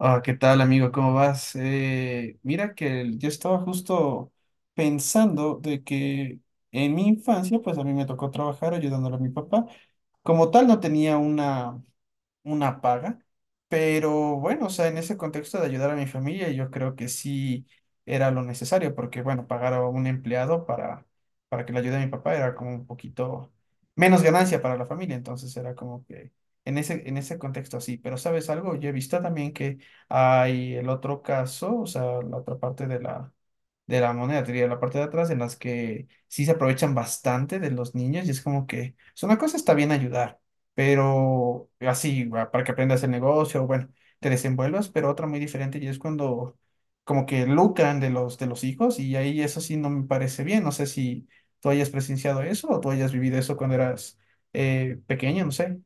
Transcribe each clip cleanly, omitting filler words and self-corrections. Ah, ¿qué tal, amigo? ¿Cómo vas? Mira que yo estaba justo pensando de que en mi infancia, pues a mí me tocó trabajar ayudándole a mi papá. Como tal, no tenía una paga, pero bueno, o sea, en ese contexto de ayudar a mi familia, yo creo que sí era lo necesario, porque bueno, pagar a un empleado para que le ayude a mi papá era como un poquito menos ganancia para la familia, entonces era como que en ese contexto sí, pero ¿sabes algo? Yo he visto también que hay el otro caso, o sea, la otra parte de la moneda, te diría, la parte de atrás, en las que sí se aprovechan bastante de los niños y es como que, o sea, una cosa está bien ayudar, pero así, va, para que aprendas el negocio, bueno, te desenvuelvas, pero otra muy diferente y es cuando como que lucran de los hijos y ahí eso sí no me parece bien, no sé si tú hayas presenciado eso o tú hayas vivido eso cuando eras pequeño, no sé.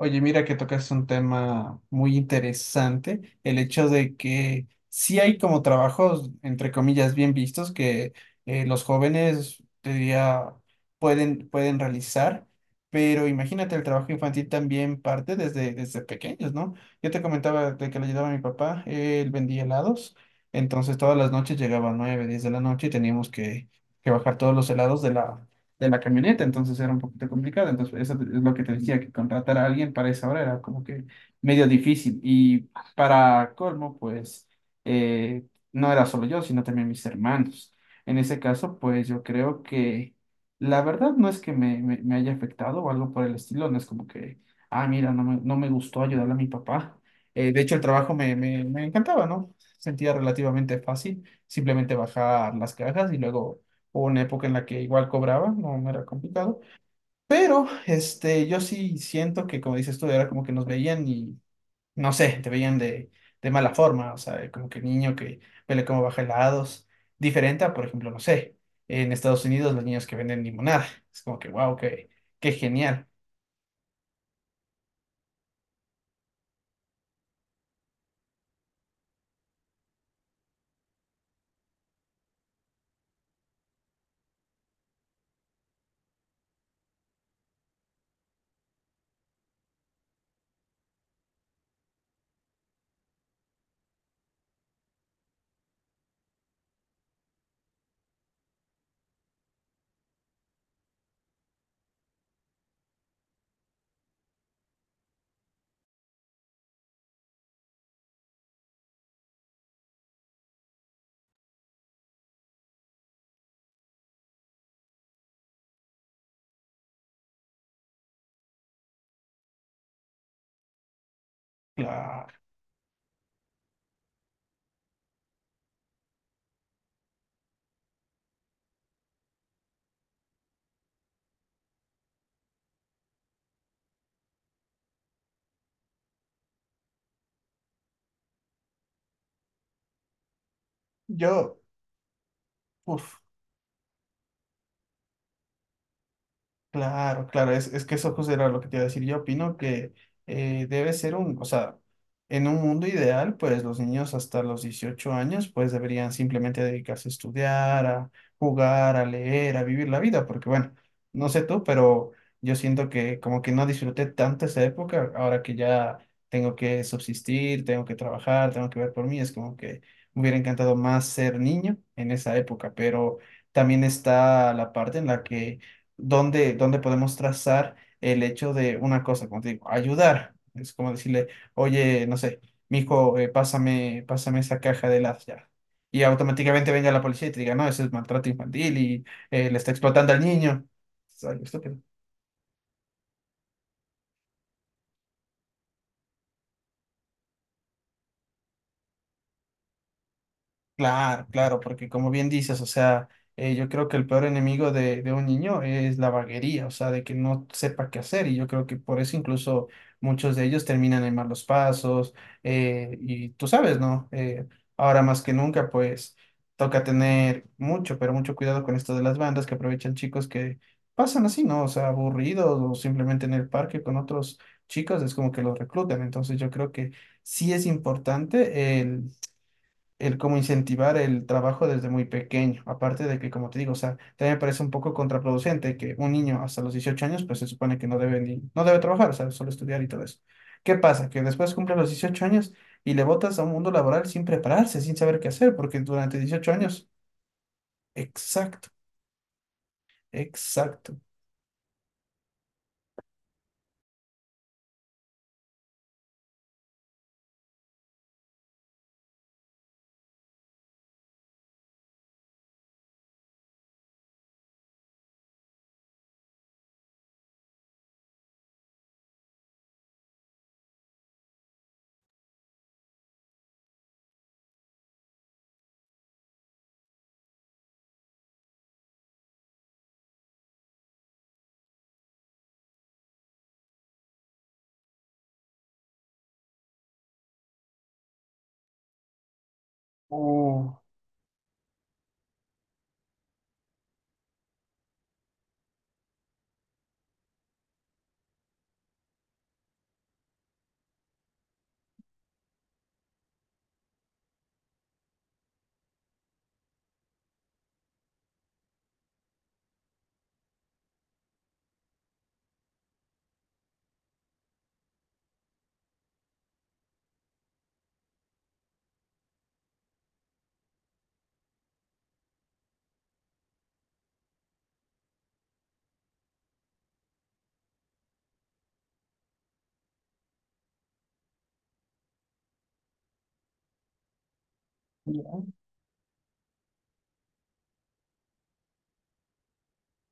Oye, mira que tocas un tema muy interesante, el hecho de que sí hay como trabajos, entre comillas, bien vistos que los jóvenes, te diría, pueden realizar, pero imagínate, el trabajo infantil también parte desde pequeños, ¿no? Yo te comentaba de que le ayudaba a mi papá, él vendía helados, entonces todas las noches llegaba a 9-10 de la noche y teníamos que bajar todos los helados de la camioneta, entonces era un poquito complicado. Entonces, eso es lo que te decía, que contratar a alguien para esa hora era como que medio difícil. Y para colmo, pues eh, no era solo yo, sino también mis hermanos. En ese caso, pues yo creo que la verdad no es que me haya afectado o algo por el estilo, no es como que, ah, mira, no me gustó ayudarle a mi papá. De hecho, el trabajo me encantaba, ¿no? Sentía relativamente fácil simplemente bajar las cajas y luego hubo una época en la que igual cobraba, no, no era complicado. Pero este, yo sí siento que, como dices tú, era como que nos veían y, no sé, te veían de mala forma, o sea, como que niño que vele cómo baja helados, diferente a, por ejemplo, no sé, en Estados Unidos los niños que venden limonada, es como que, wow, qué genial. Claro. Yo, Uff. Claro, claro, es que eso justo era lo que te iba a decir. Yo opino que debe ser o sea, en un mundo ideal, pues los niños hasta los 18 años, pues deberían simplemente dedicarse a estudiar, a jugar, a leer, a vivir la vida, porque bueno, no sé tú, pero yo siento que como que no disfruté tanto esa época, ahora que ya tengo que subsistir, tengo que trabajar, tengo que ver por mí, es como que me hubiera encantado más ser niño en esa época, pero también está la parte en la que dónde podemos trazar el hecho de una cosa, como te digo, ayudar. Es como decirle, oye, no sé, mijo, pásame esa caja de las ya. Y automáticamente venga la policía y te diga, no, ese es maltrato infantil y le está explotando al niño. Es algo estúpido. Claro, claro, porque como bien dices, o sea, yo creo que el peor enemigo de un niño es la vaguería, o sea, de que no sepa qué hacer, y yo creo que por eso incluso muchos de ellos terminan en malos pasos, y tú sabes, ¿no? Ahora más que nunca, pues toca tener mucho, pero mucho cuidado con esto de las bandas que aprovechan chicos que pasan así, ¿no? O sea, aburridos o simplemente en el parque con otros chicos, es como que los reclutan, entonces yo creo que sí es importante el como incentivar el trabajo desde muy pequeño. Aparte de que, como te digo, o sea, también me parece un poco contraproducente que un niño hasta los 18 años, pues se supone que no debe ni, no debe trabajar, o sea, solo estudiar y todo eso. ¿Qué pasa? Que después cumple los 18 años y le botas a un mundo laboral sin prepararse, sin saber qué hacer, porque durante 18 años, exacto, exacto. Oh, ya.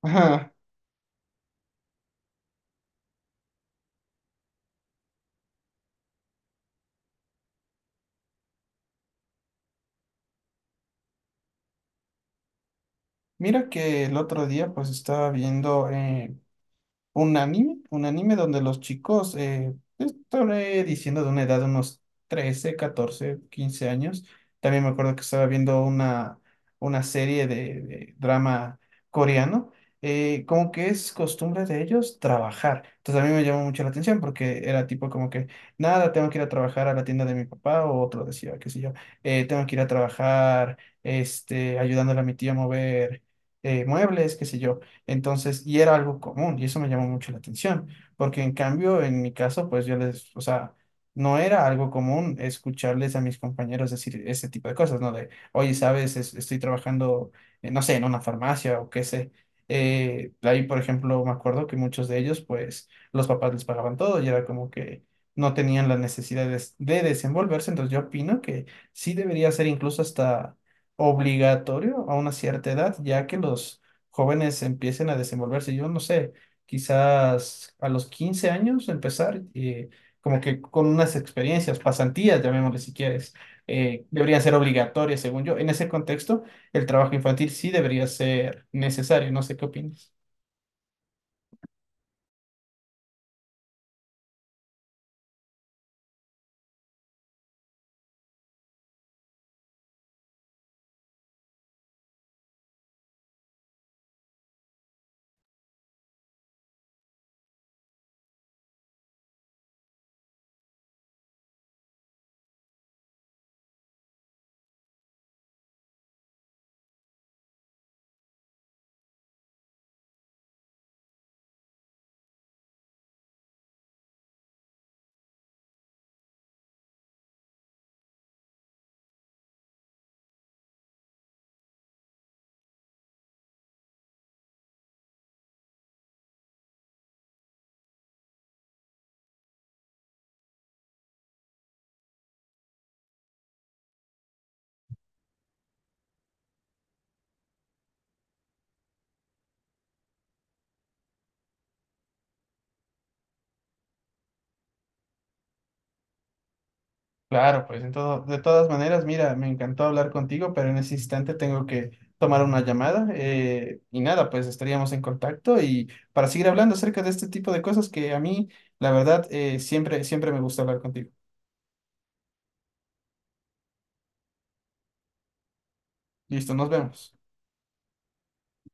Ajá. Mira que el otro día pues estaba viendo un anime donde los chicos, estaré diciendo de una edad de unos 13, 14, 15 años. También me acuerdo que estaba viendo una serie de drama coreano. Como que es costumbre de ellos trabajar. Entonces a mí me llamó mucho la atención porque era tipo como que, nada, tengo que ir a trabajar a la tienda de mi papá o otro decía, qué sé yo, tengo que ir a trabajar, este, ayudándole a mi tía a mover muebles, qué sé yo. Entonces, y era algo común, y eso me llamó mucho la atención, porque en cambio, en mi caso, pues yo les, o sea, no era algo común escucharles a mis compañeros decir ese tipo de cosas, ¿no? De, oye, sabes, estoy trabajando, no sé, en una farmacia o qué sé. Ahí, por ejemplo, me acuerdo que muchos de ellos, pues, los papás les pagaban todo y era como que no tenían la necesidad de desenvolverse, entonces yo opino que sí debería ser incluso hasta obligatorio a una cierta edad, ya que los jóvenes empiecen a desenvolverse. Yo no sé, quizás a los 15 años empezar, como que con unas experiencias, pasantías, llamémosle si quieres, deberían ser obligatorias, según yo. En ese contexto, el trabajo infantil sí debería ser necesario. No sé qué opinas. Claro, pues de todas maneras, mira, me encantó hablar contigo, pero en ese instante tengo que tomar una llamada y nada, pues estaríamos en contacto y para seguir hablando acerca de este tipo de cosas que a mí, la verdad, siempre, siempre me gusta hablar contigo. Listo, nos vemos.